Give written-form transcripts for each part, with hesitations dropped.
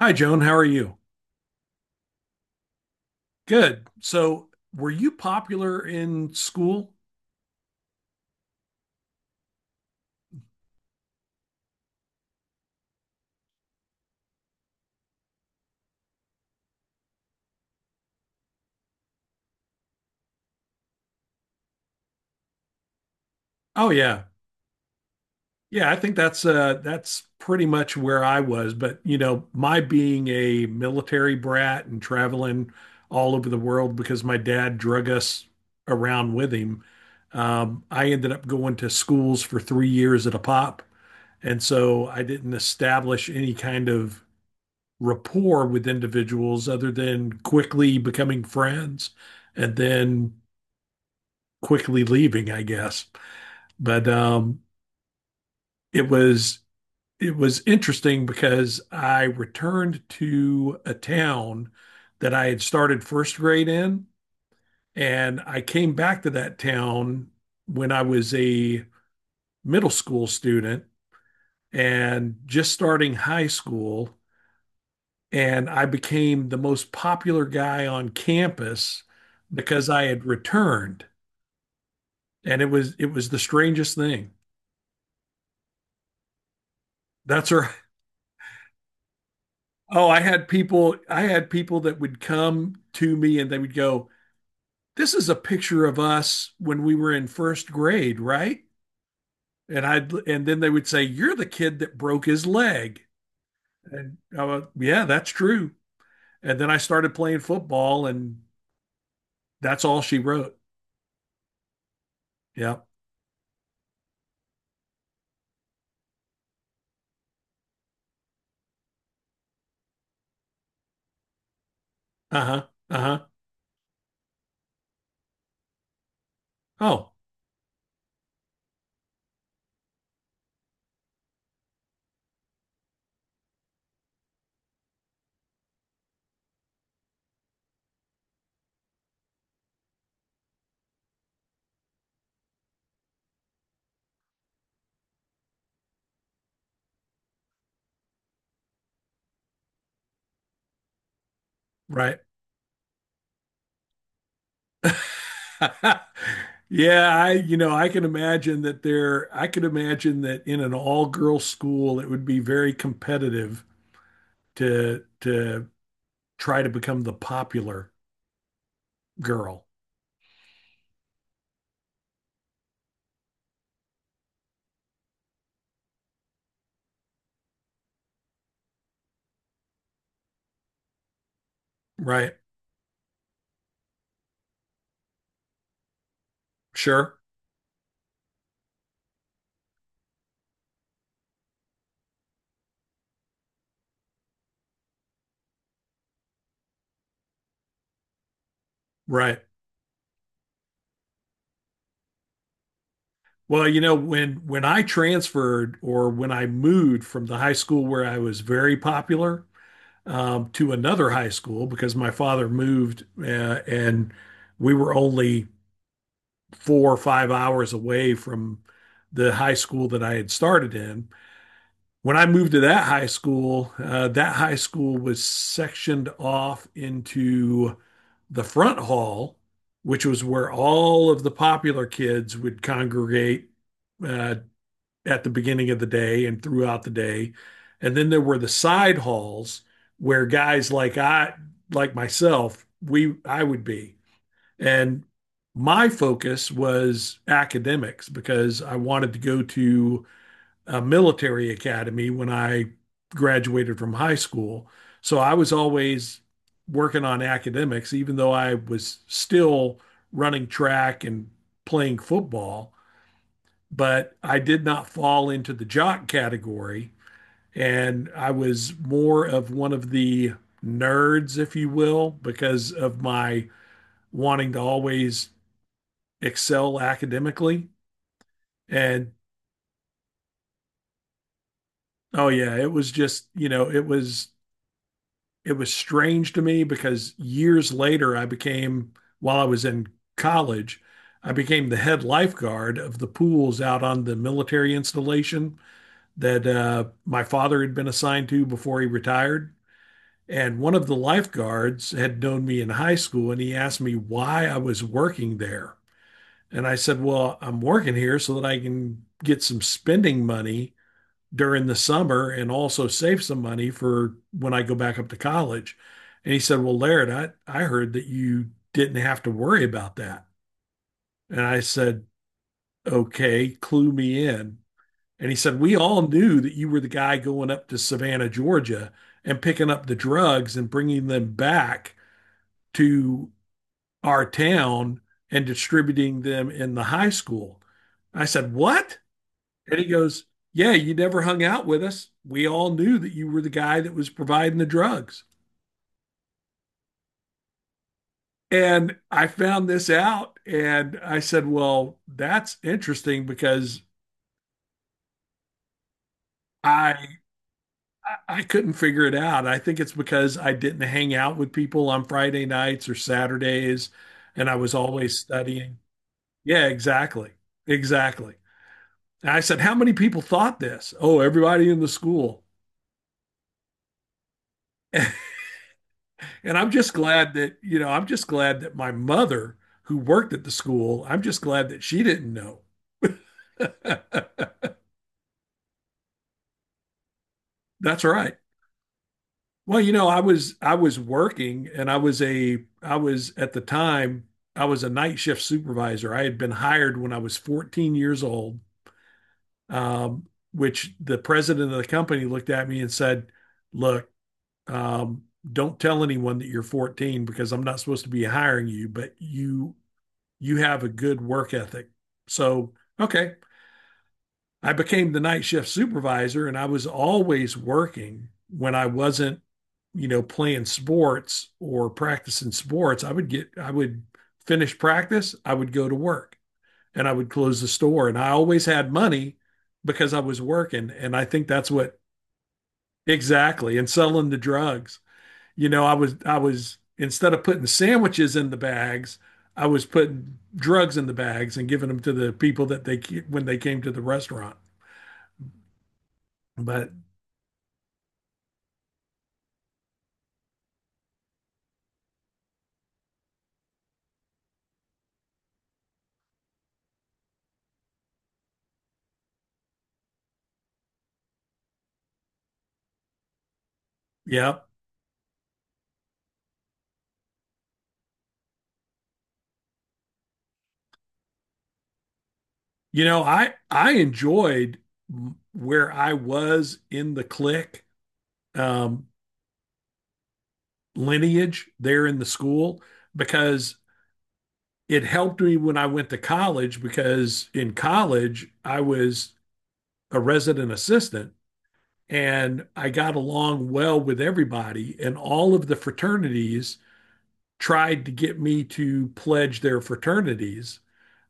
Hi, Joan. How are you? Good. So, were you popular in school? Oh, yeah. Yeah, I think that's pretty much where I was, but you know, my being a military brat and traveling all over the world because my dad drug us around with him, I ended up going to schools for 3 years at a pop. And so I didn't establish any kind of rapport with individuals other than quickly becoming friends and then quickly leaving, I guess. But it was it was interesting because I returned to a town that I had started first grade in, and I came back to that town when I was a middle school student and just starting high school. And I became the most popular guy on campus because I had returned. And it was the strangest thing. That's right. Oh, I had people that would come to me and they would go, "This is a picture of us when we were in first grade, right?" And then they would say, "You're the kid that broke his leg." And I was, "Yeah, that's true." And then I started playing football and that's all she wrote. Yeah. Uh-huh. Uh-huh. Oh, right. Yeah, you know, I could imagine that in an all-girl school, it would be very competitive to try to become the popular girl, right? Sure, right. Well, you know, when I transferred or when I moved from the high school where I was very popular to another high school because my father moved and we were only 4 or 5 hours away from the high school that I had started in. When I moved to that high school was sectioned off into the front hall, which was where all of the popular kids would congregate uh, at the beginning of the day and throughout the day. And then there were the side halls where like myself, we I would be, and my focus was academics because I wanted to go to a military academy when I graduated from high school. So I was always working on academics, even though I was still running track and playing football. But I did not fall into the jock category. And I was more of one of the nerds, if you will, because of my wanting to always excel academically. And oh yeah, it was just, you know, it was strange to me because years later I became, while I was in college, I became the head lifeguard of the pools out on the military installation that my father had been assigned to before he retired. And one of the lifeguards had known me in high school and he asked me why I was working there. And I said, well, I'm working here so that I can get some spending money during the summer and also save some money for when I go back up to college. And he said, well, Laird, I heard that you didn't have to worry about that. And I said, okay, clue me in. And he said, we all knew that you were the guy going up to Savannah, Georgia and picking up the drugs and bringing them back to our town and distributing them in the high school. I said, what? And he goes, yeah, you never hung out with us. We all knew that you were the guy that was providing the drugs. And I found this out and I said, well, that's interesting because I I couldn't figure it out. I think it's because I didn't hang out with people on Friday nights or Saturdays and I was always studying. Yeah, exactly. Exactly. And I said, how many people thought this? Oh, everybody in the school. And I'm just glad that, you know, I'm just glad that my mother, who worked at the school, I'm just glad that she didn't know. That's right. Well, you know, I was working and I was, at the time, I was a night shift supervisor. I had been hired when I was 14 years old, um, which the president of the company looked at me and said, "Look, um, don't tell anyone that you're 14 because I'm not supposed to be hiring you, but you have a good work ethic. So, okay, I became the night shift supervisor and I was always working when I wasn't, you know, playing sports or practicing sports. I would finish practice, I would go to work and I would close the store. And I always had money because I was working. And I think that's what, exactly, and selling the drugs. You know, I was, instead of putting sandwiches in the bags, I was putting drugs in the bags and giving them to the people that they ke- when they came to the restaurant. But yeah, you know, I enjoyed where I was in the clique um, lineage there in the school, because it helped me when I went to college because in college I was a resident assistant and I got along well with everybody, and all of the fraternities tried to get me to pledge their fraternities.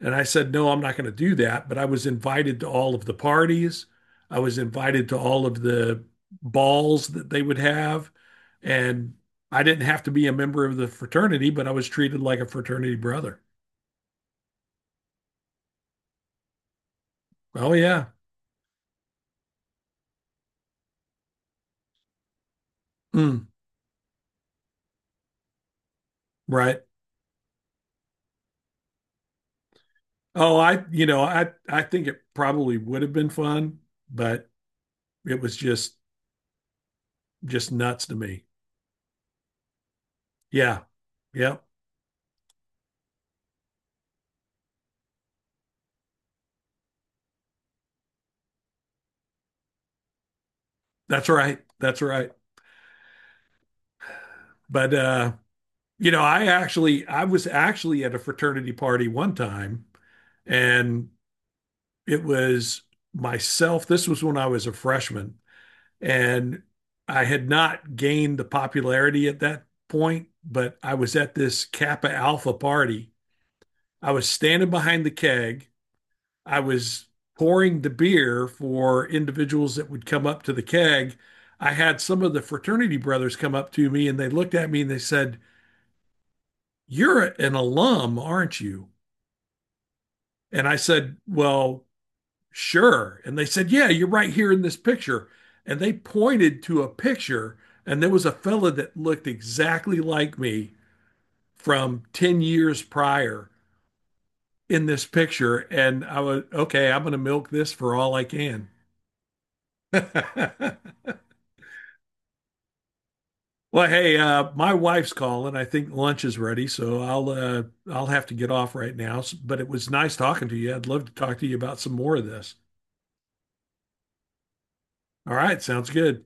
And I said, no, I'm not going to do that. But I was invited to all of the parties. I was invited to all of the balls that they would have. And I didn't have to be a member of the fraternity, but I was treated like a fraternity brother. Oh, yeah. Mm, right. Oh, you know, I think it probably would have been fun, but it was just nuts to me. Yeah. Yeah. That's right. That's right. But you know, I was actually at a fraternity party one time and it was myself. This was when I was a freshman and I had not gained the popularity at that point, but I was at this Kappa Alpha party. I was standing behind the keg. I was pouring the beer for individuals that would come up to the keg. I had some of the fraternity brothers come up to me and they looked at me and they said, you're an alum, aren't you? And I said, well, sure. And they said, yeah, you're right here in this picture. And they pointed to a picture, and there was a fella that looked exactly like me from 10 years prior in this picture. And I was, okay, I'm going to milk this for all I can. Well, hey, my wife's calling. I think lunch is ready, so I'll have to get off right now. S- But it was nice talking to you. I'd love to talk to you about some more of this. All right, sounds good.